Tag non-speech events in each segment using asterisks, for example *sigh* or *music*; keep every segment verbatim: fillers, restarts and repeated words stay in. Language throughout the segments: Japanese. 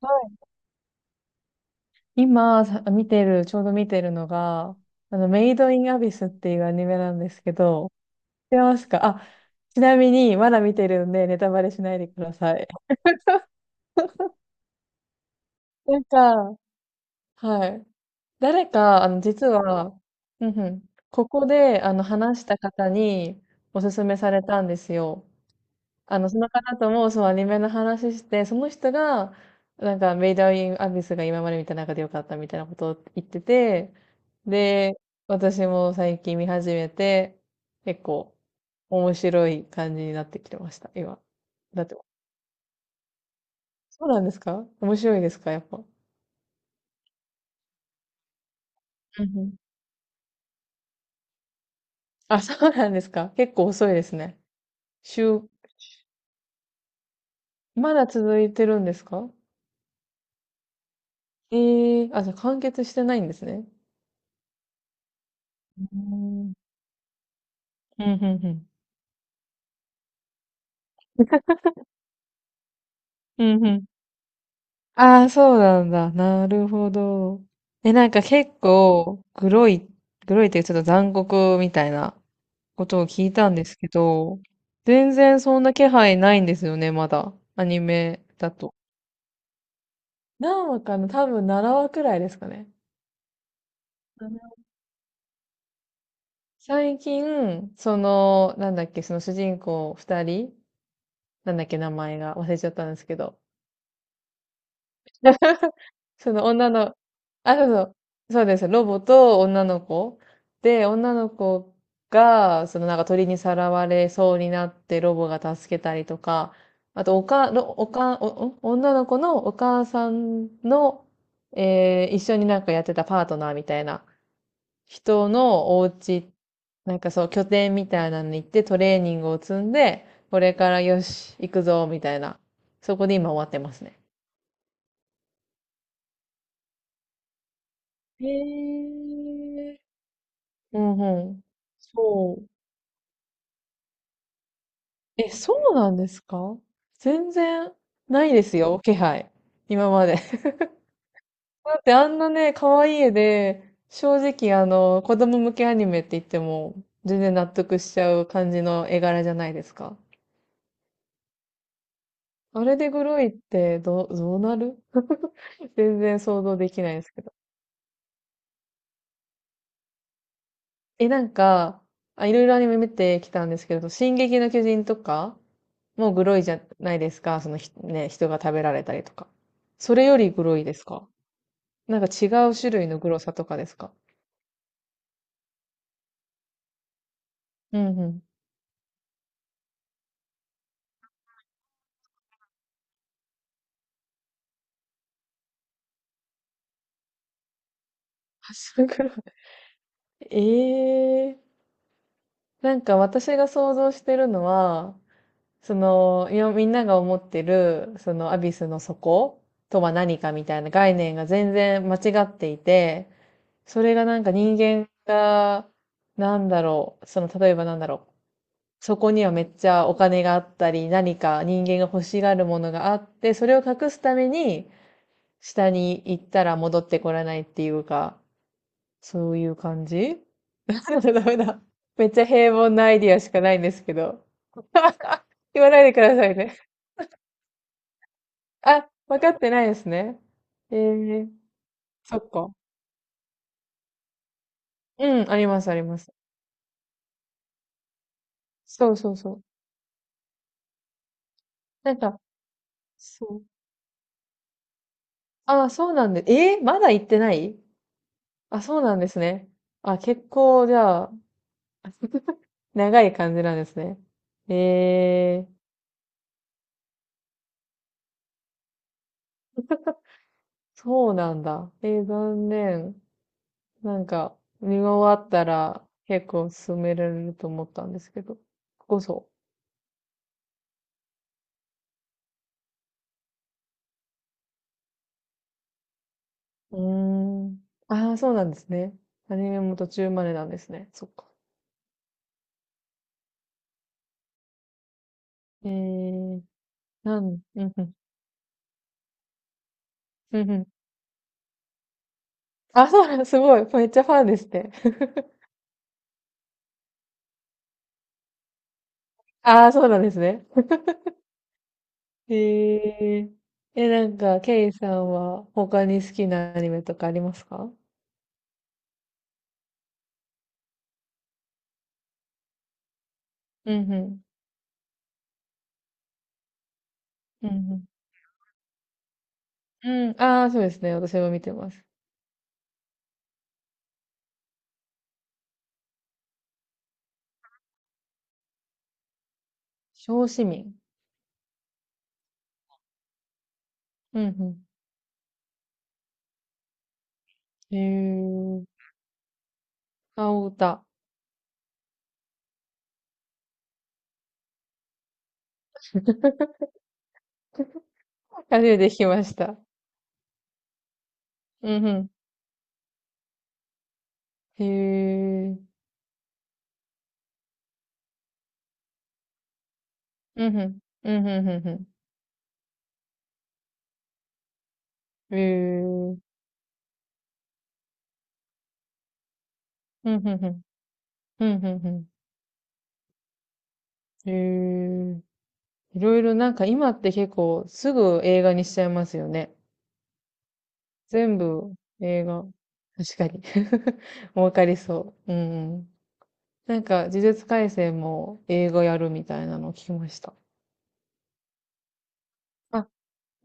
はい。今さ見てる、ちょうど見てるのが、あの、メイド・イン・アビスっていうアニメなんですけど、知ってますか？あ、ちなみに、まだ見てるんで、ネタバレしないでください。*laughs* なんか、はい。誰か、あの、実は、うんうん、ここで、あの、話した方におすすめされたんですよ。あの、その方とも、そう、アニメの話して、その人が、なんか、メイドインアビスが今まで見た中で良かったみたいなことを言ってて、で、私も最近見始めて、結構、面白い感じになってきてました、今。だって、そうなんですか？面白いですか、やっぱ。うんうん。あ、そうなんですか？結構遅いですね。週、まだ続いてるんですか？ええー、あ、じゃあ完結してないんですね。うん。うん、うん、うん。うん、うん、ああ、そうなんだ。なるほど。え、なんか結構、グロい、グロいっていうちょっと残酷みたいなことを聞いたんですけど、全然そんな気配ないんですよね、まだ。アニメだと。何話かな、多分ななわくらいですかね。なな最近、その、なんだっけ、その主人公二人、なんだっけ、名前が忘れちゃったんですけど、その女の、あ、そうそう、そうです。ロボと女の子。で、女の子が、そのなんか鳥にさらわれそうになってロボが助けたりとか、あと、おか、ろおか、お、お女の子のお母さんの、えー一緒になんかやってたパートナーみたいな人のお家、なんかそう、拠点みたいなのに行ってトレーニングを積んで、これからよし、行くぞ、みたいな。そこで今終わってますね。へー、うんうん。そう。え、そうなんですか？全然ないですよ、気配。今まで。*laughs* だってあんなね、可愛い絵で、正直あの、子供向けアニメって言っても、全然納得しちゃう感じの絵柄じゃないですか。あれでグロいってど、どうなる？ *laughs* 全然想像できないですけど。え、なんか、あ、いろいろアニメ見てきたんですけど、進撃の巨人とか、もうグロいじゃないですか。そのひ、ね、人が食べられたりとか。それよりグロいですか？なんか違う種類のグロさとかですか？うんうん。*laughs* あ、それグロい。ええー。なんか私が想像してるのは、その、いやみんなが思ってる、そのアビスの底とは何かみたいな概念が全然間違っていて、それがなんか人間が、なんだろう、その、例えばなんだろう、そこにはめっちゃお金があったり、何か人間が欲しがるものがあって、それを隠すために、下に行ったら戻ってこらないっていうか、そういう感じ。 *laughs* ダメだ。*laughs* ダメだ。めっちゃ平凡なアイディアしかないんですけど。*laughs* 言わないでくださいね。あ、分かってないですね。ええ、そっか。うん、あります、あります。そうそうそう。なんか、そう。あ、そうなんで、えーまだ行ってない？あ、そうなんですね。あ、結構、じゃあ、*laughs* 長い感じなんですね。えー、そうなんだ。えー残念。なんか、見終わったら結構進められると思ったんですけど。ここそう。うーん。ああ、そうなんですね。アニメも途中までなんですね。そっか。えー、なん、うんふん、うんふん。あ、そうなん、すごい。めっちゃファンですね。*laughs* ああ、そうなんですね。え、ええ、なんか、ケイさんは他に好きなアニメとかありますか？うんうん。うんうん。うん。ああ、そうですね。私も見てます。小市民。うんうん。へえ。青歌。*laughs* 初めて聞きました。うんうん。へえ。うんうん。うんうんうんうん。へえ。うんうんうん。うんうんうん。へえ、いろいろなんか今って結構すぐ映画にしちゃいますよね。全部映画。確かに。*laughs* 儲かりそう。うん。なんか呪術廻戦も映画やるみたいなのを聞きました。あ、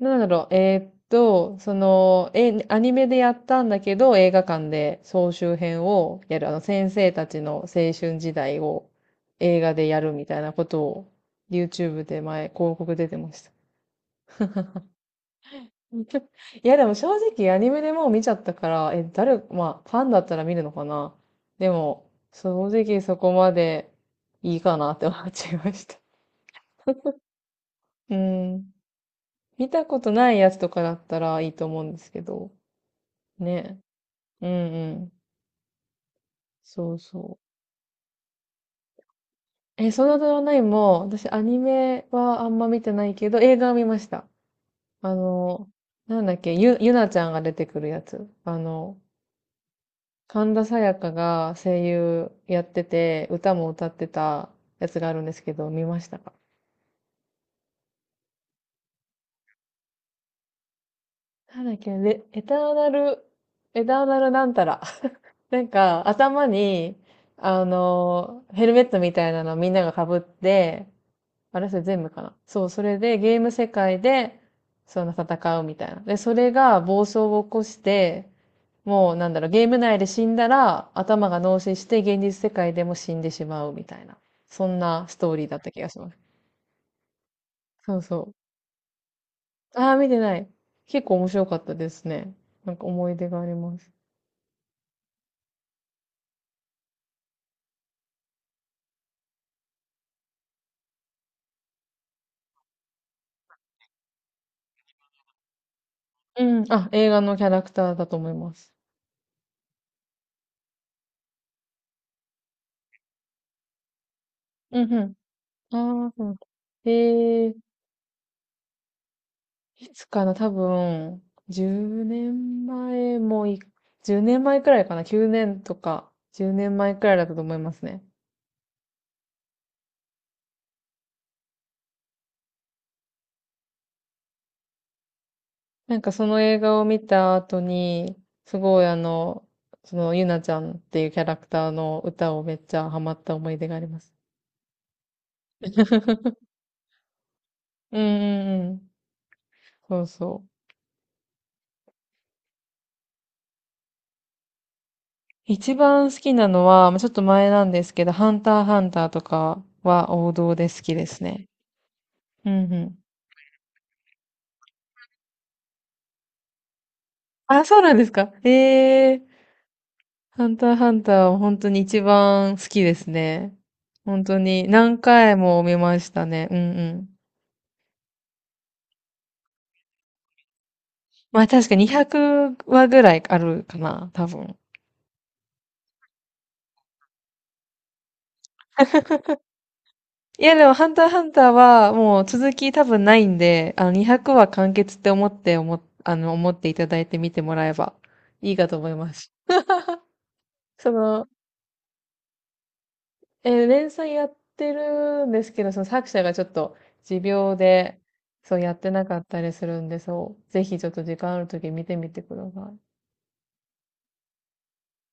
なんだろう。えーっと、その、え、アニメでやったんだけど映画館で総集編をやる。あの先生たちの青春時代を映画でやるみたいなことを YouTube で前広告出てました。*laughs* いやでも正直アニメでもう見ちゃったから、え、誰、まあ、ファンだったら見るのかな。でも、正直そこまでいいかなって思っちゃいました。うん。見たことないやつとかだったらいいと思うんですけど。ね。うんうん。そうそう。え、ソードアートオンラインも、私アニメはあんま見てないけど、映画は見ました。あの、なんだっけ、ゆ、ゆなちゃんが出てくるやつ。あの、神田沙也加が声優やってて、歌も歌ってたやつがあるんですけど、見ましたか？なんだっけ、レエターナル、エターナルなんたら。*laughs* なんか、頭に、あの、ヘルメットみたいなのみんなが被って、あれそれ全部かな。そう、それでゲーム世界で、その戦うみたいな。で、それが暴走を起こして、もうなんだろう、ゲーム内で死んだら頭が脳死して現実世界でも死んでしまうみたいな。そんなストーリーだった気がします。そうそう。ああ、見てない。結構面白かったですね。なんか思い出があります。うん。あ、映画のキャラクターだと思います。うんうん。ああ、そうなんだ。へえ。いつかな、多分、10年前もい、じゅうねんまえくらいかな、きゅうねんとか、じゅうねんまえくらいだったと思いますね。なんかその映画を見た後に、すごいあの、そのゆなちゃんっていうキャラクターの歌をめっちゃハマった思い出があります。*laughs* うんうんうん。そうそう。一番好きなのは、まあちょっと前なんですけど、ハンターハンターとかは王道で好きですね。うんうん。あ、そうなんですか。え、え、ハンターハンターは本当に一番好きですね。本当に何回も見ましたね。うんうん。まあ確かにひゃくわぐらいあるかな、多分。いやでもハンターハンターはもう続き多分ないんで、あのにひゃくわ完結って思って思っ、あの思っていただいて見てもらえばいいかと思います。その、えー連載やってるんですけど、その作者がちょっと持病で、そうやってなかったりするんで、そう、ぜひちょっと時間あるとき見てみてください。